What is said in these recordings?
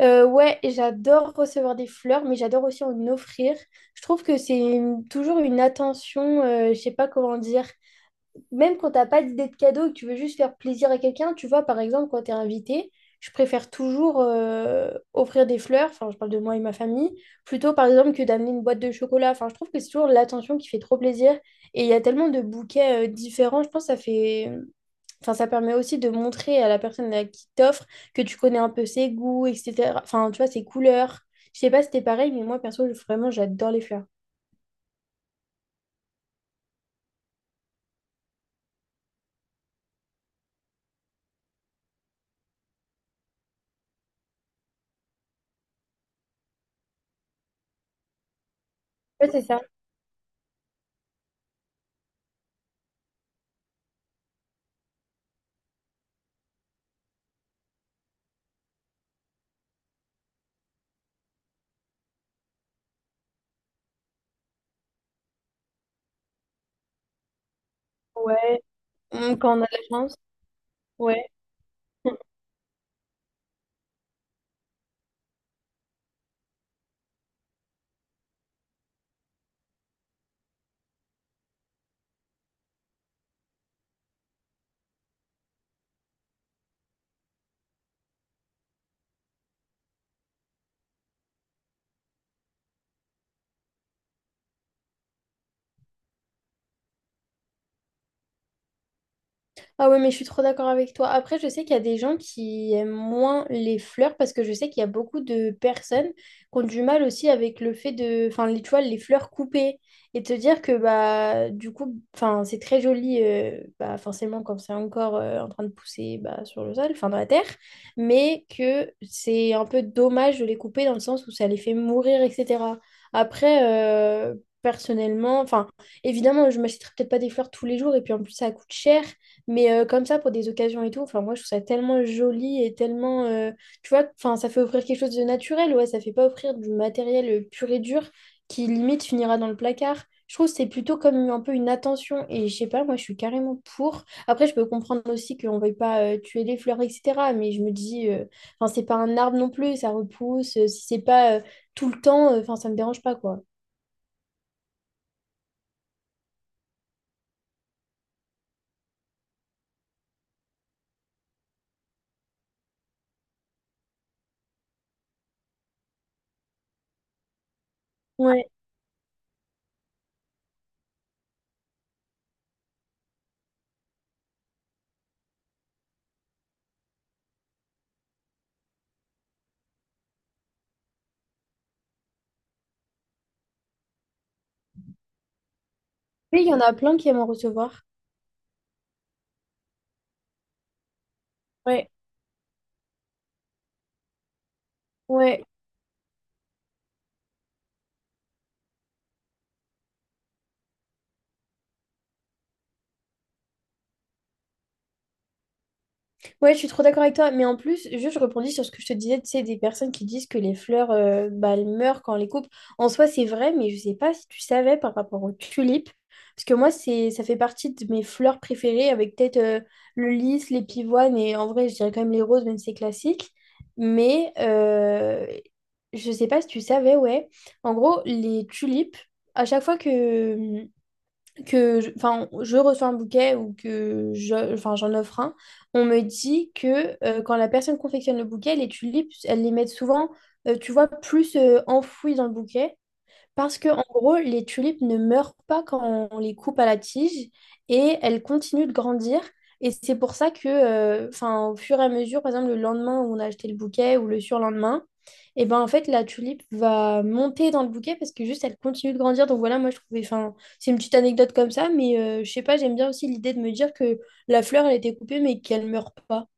Ouais, et j'adore recevoir des fleurs, mais j'adore aussi en offrir. Je trouve que c'est toujours une attention, je sais pas comment dire. Même quand t'as pas d'idée de cadeau et que tu veux juste faire plaisir à quelqu'un, tu vois, par exemple, quand t'es invité, je préfère toujours offrir des fleurs, enfin, je parle de moi et ma famille, plutôt par exemple que d'amener une boîte de chocolat. Enfin, je trouve que c'est toujours l'attention qui fait trop plaisir. Et il y a tellement de bouquets différents, je pense que ça fait. Enfin, ça permet aussi de montrer à la personne à qui t'offre que tu connais un peu ses goûts, etc. Enfin, tu vois, ses couleurs. Je sais pas si c'était pareil, mais moi, perso, vraiment, j'adore les fleurs. Ouais, c'est ça. Ouais. Mm, quand on a de la chance. Ouais. Ah ouais, mais je suis trop d'accord avec toi. Après, je sais qu'il y a des gens qui aiment moins les fleurs parce que je sais qu'il y a beaucoup de personnes qui ont du mal aussi avec le fait de, enfin, les, tu vois, les fleurs coupées et te dire que bah du coup, enfin, c'est très joli, bah forcément quand c'est encore en train de pousser bah, sur le sol, enfin dans la terre, mais que c'est un peu dommage de les couper dans le sens où ça les fait mourir, etc. Après, euh, personnellement, enfin, évidemment, je m'achèterai peut-être pas des fleurs tous les jours et puis en plus ça coûte cher. Mais comme ça, pour des occasions et tout, enfin, moi, je trouve ça tellement joli et tellement. Tu vois, enfin, ça fait offrir quelque chose de naturel, ouais, ça fait pas offrir du matériel pur et dur qui limite finira dans le placard. Je trouve que c'est plutôt comme un peu une attention et je sais pas, moi, je suis carrément pour. Après, je peux comprendre aussi qu'on veuille pas tuer les fleurs, etc. Mais je me dis, enfin, c'est pas un arbre non plus, ça repousse. Si c'est pas tout le temps, enfin, ça me dérange pas, quoi. Ouais. Mais il y en a plein qui aiment en recevoir. Ouais, ouais. Ouais, je suis trop d'accord avec toi, mais en plus, juste je rebondis sur ce que je te disais, tu sais, des personnes qui disent que les fleurs, bah, elles meurent quand on les coupe. En soi, c'est vrai, mais je sais pas si tu savais par rapport aux tulipes, parce que moi, c'est, ça fait partie de mes fleurs préférées, avec peut-être le lys, les pivoines, et en vrai, je dirais quand même les roses, même si c'est classique. Mais je sais pas si tu savais, ouais. En gros, les tulipes, à chaque fois que, enfin, je reçois un bouquet ou que je, enfin, j'en offre un, on me dit que quand la personne confectionne le bouquet, les tulipes, elles les mettent souvent, tu vois, plus enfouies dans le bouquet parce que, en gros, les tulipes ne meurent pas quand on les coupe à la tige et elles continuent de grandir. Et c'est pour ça que, enfin, au fur et à mesure, par exemple, le lendemain où on a acheté le bouquet ou le surlendemain, et ben en fait, la tulipe va monter dans le bouquet parce que juste elle continue de grandir. Donc voilà, moi je trouvais, enfin, c'est une petite anecdote comme ça, mais je sais pas, j'aime bien aussi l'idée de me dire que la fleur, elle a été coupée mais qu'elle meurt pas.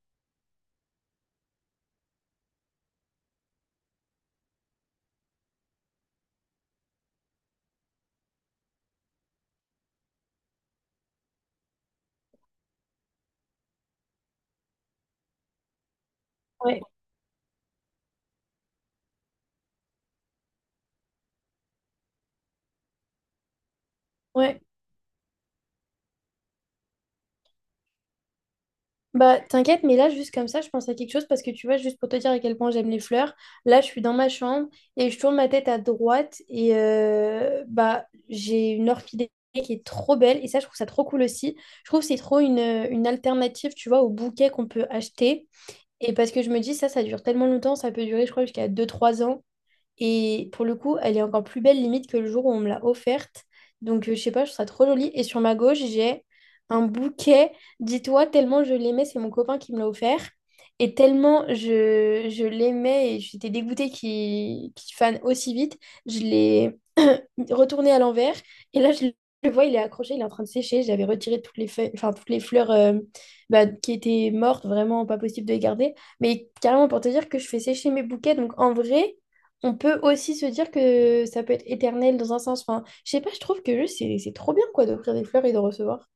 Ouais, ouais. Bah, t'inquiète, mais là, juste comme ça, je pense à quelque chose parce que tu vois, juste pour te dire à quel point j'aime les fleurs, là, je suis dans ma chambre et je tourne ma tête à droite et bah, j'ai une orchidée qui est trop belle et ça, je trouve ça trop cool aussi. Je trouve que c'est trop une alternative, tu vois, au bouquet qu'on peut acheter. Et parce que je me dis, ça dure tellement longtemps, ça peut durer, je crois, jusqu'à 2 3 ans. Et pour le coup, elle est encore plus belle limite que le jour où on me l'a offerte. Donc, je sais pas, je trouve ça trop joli. Et sur ma gauche, j'ai un bouquet. Dis-toi, tellement je l'aimais, c'est mon copain qui me l'a offert. Et tellement je l'aimais et j'étais dégoûtée qu'il fane aussi vite, je l'ai retourné à l'envers. Et là, je le vois, il est accroché, il est en train de sécher. J'avais retiré toutes les feuilles, enfin, toutes les fleurs bah, qui étaient mortes, vraiment pas possible de les garder. Mais carrément, pour te dire que je fais sécher mes bouquets. Donc, en vrai, on peut aussi se dire que ça peut être éternel dans un sens. Enfin, je sais pas, je trouve que juste, c'est trop bien, quoi, d'offrir des fleurs et de recevoir.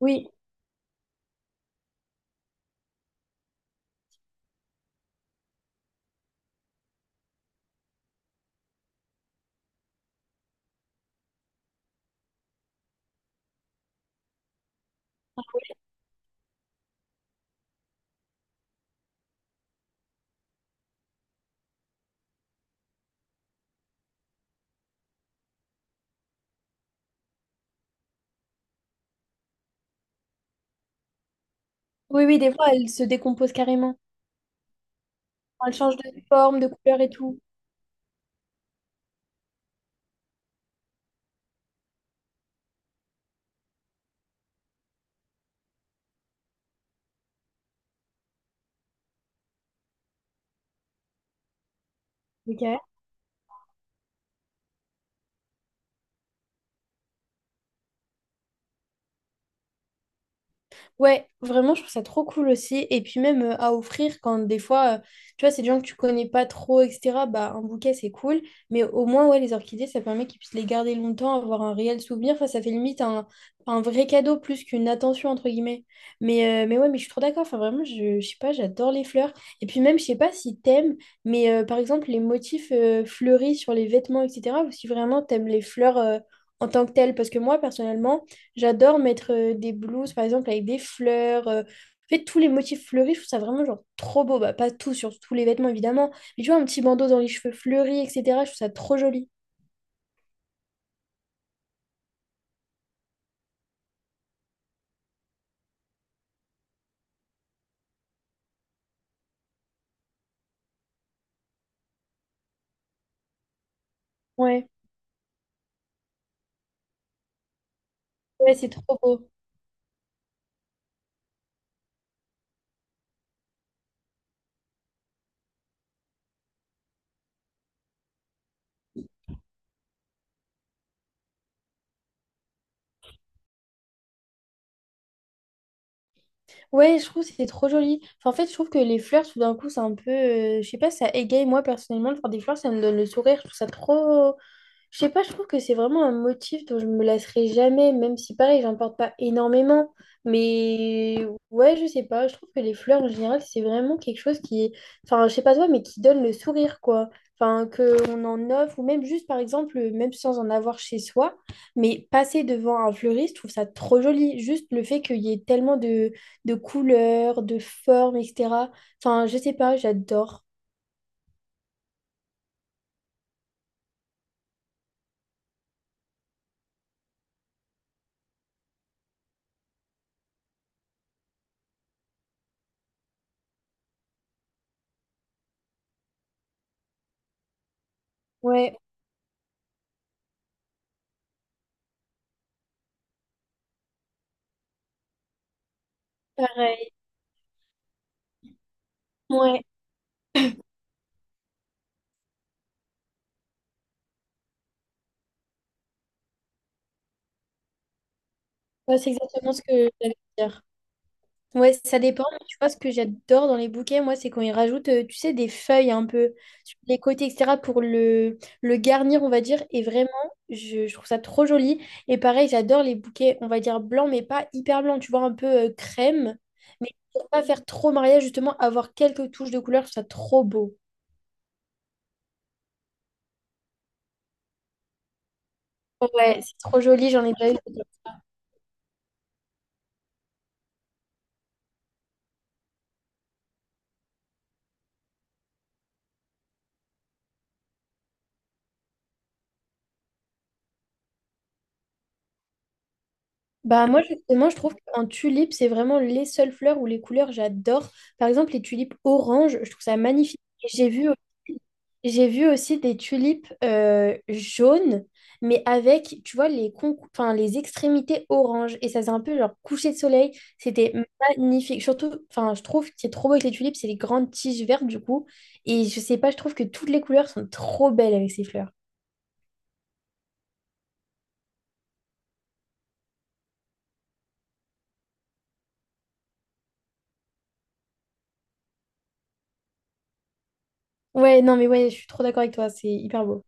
Oui, oui, oui, des fois, elles se décomposent carrément. Elles changent de forme, de couleur et tout. Donc, ouais, vraiment, je trouve ça trop cool aussi. Et puis même à offrir quand des fois, tu vois, c'est des gens que tu connais pas trop, etc. Bah, un bouquet, c'est cool. Mais au moins, ouais, les orchidées, ça permet qu'ils puissent les garder longtemps, avoir un réel souvenir. Enfin, ça fait limite un vrai cadeau plus qu'une attention, entre guillemets. Mais, ouais, mais je suis trop d'accord. Enfin, vraiment, je sais pas, j'adore les fleurs. Et puis même, je sais pas si t'aimes, mais par exemple, les motifs fleuris sur les vêtements, etc. Ou si vraiment t'aimes les fleurs en tant que telles. Parce que moi, personnellement, j'adore mettre des blouses, par exemple, avec des fleurs. En fait, tous les motifs fleuris, je trouve ça vraiment genre trop beau. Bah, pas tout, sur tous les vêtements, évidemment. Mais tu vois, un petit bandeau dans les cheveux fleuris, etc. Je trouve ça trop joli. Ouais. Ouais, c'est trop beau. Ouais, je trouve que c'est trop joli. Enfin, en fait, je trouve que les fleurs, tout d'un coup, c'est un peu... je sais pas, ça égaye. Moi, personnellement, de faire des fleurs, ça me donne le sourire. Je trouve ça trop... Je sais pas, je trouve que c'est vraiment un motif dont je me lasserai jamais, même si pareil, j'en porte pas énormément. Mais ouais, je sais pas, je trouve que les fleurs en général, c'est vraiment quelque chose qui, enfin, je sais pas toi, mais qui donne le sourire, quoi. Enfin, qu'on en offre, ou même juste, par exemple, même sans en avoir chez soi, mais passer devant un fleuriste, je trouve ça trop joli. Juste le fait qu'il y ait tellement de couleurs, de formes, etc. Enfin, je sais pas, j'adore. Ouais, pareil. Ouais, ouais, c'est exactement ce que j'allais dire. Ouais, ça dépend. Mais tu vois, ce que j'adore dans les bouquets, moi, c'est quand ils rajoutent, tu sais, des feuilles un peu sur les côtés, etc., pour le garnir, on va dire. Et vraiment, je trouve ça trop joli. Et pareil, j'adore les bouquets, on va dire blancs, mais pas hyper blancs, tu vois, un peu crème. Mais pour pas faire trop mariage, justement, avoir quelques touches de couleur, je trouve ça trop beau. Ouais, c'est trop joli, j'en ai déjà eu. Bah moi justement je trouve qu'en tulipe c'est vraiment les seules fleurs où les couleurs j'adore. Par exemple les tulipes orange, je trouve ça magnifique. Et j'ai vu aussi, j'ai vu aussi des tulipes jaunes mais avec tu vois enfin les extrémités orange et ça faisait un peu genre coucher de soleil, c'était magnifique. Surtout enfin je trouve que c'est trop beau avec les tulipes, c'est les grandes tiges vertes du coup et je sais pas, je trouve que toutes les couleurs sont trop belles avec ces fleurs. Ouais, non mais ouais, je suis trop d'accord avec toi, c'est hyper beau.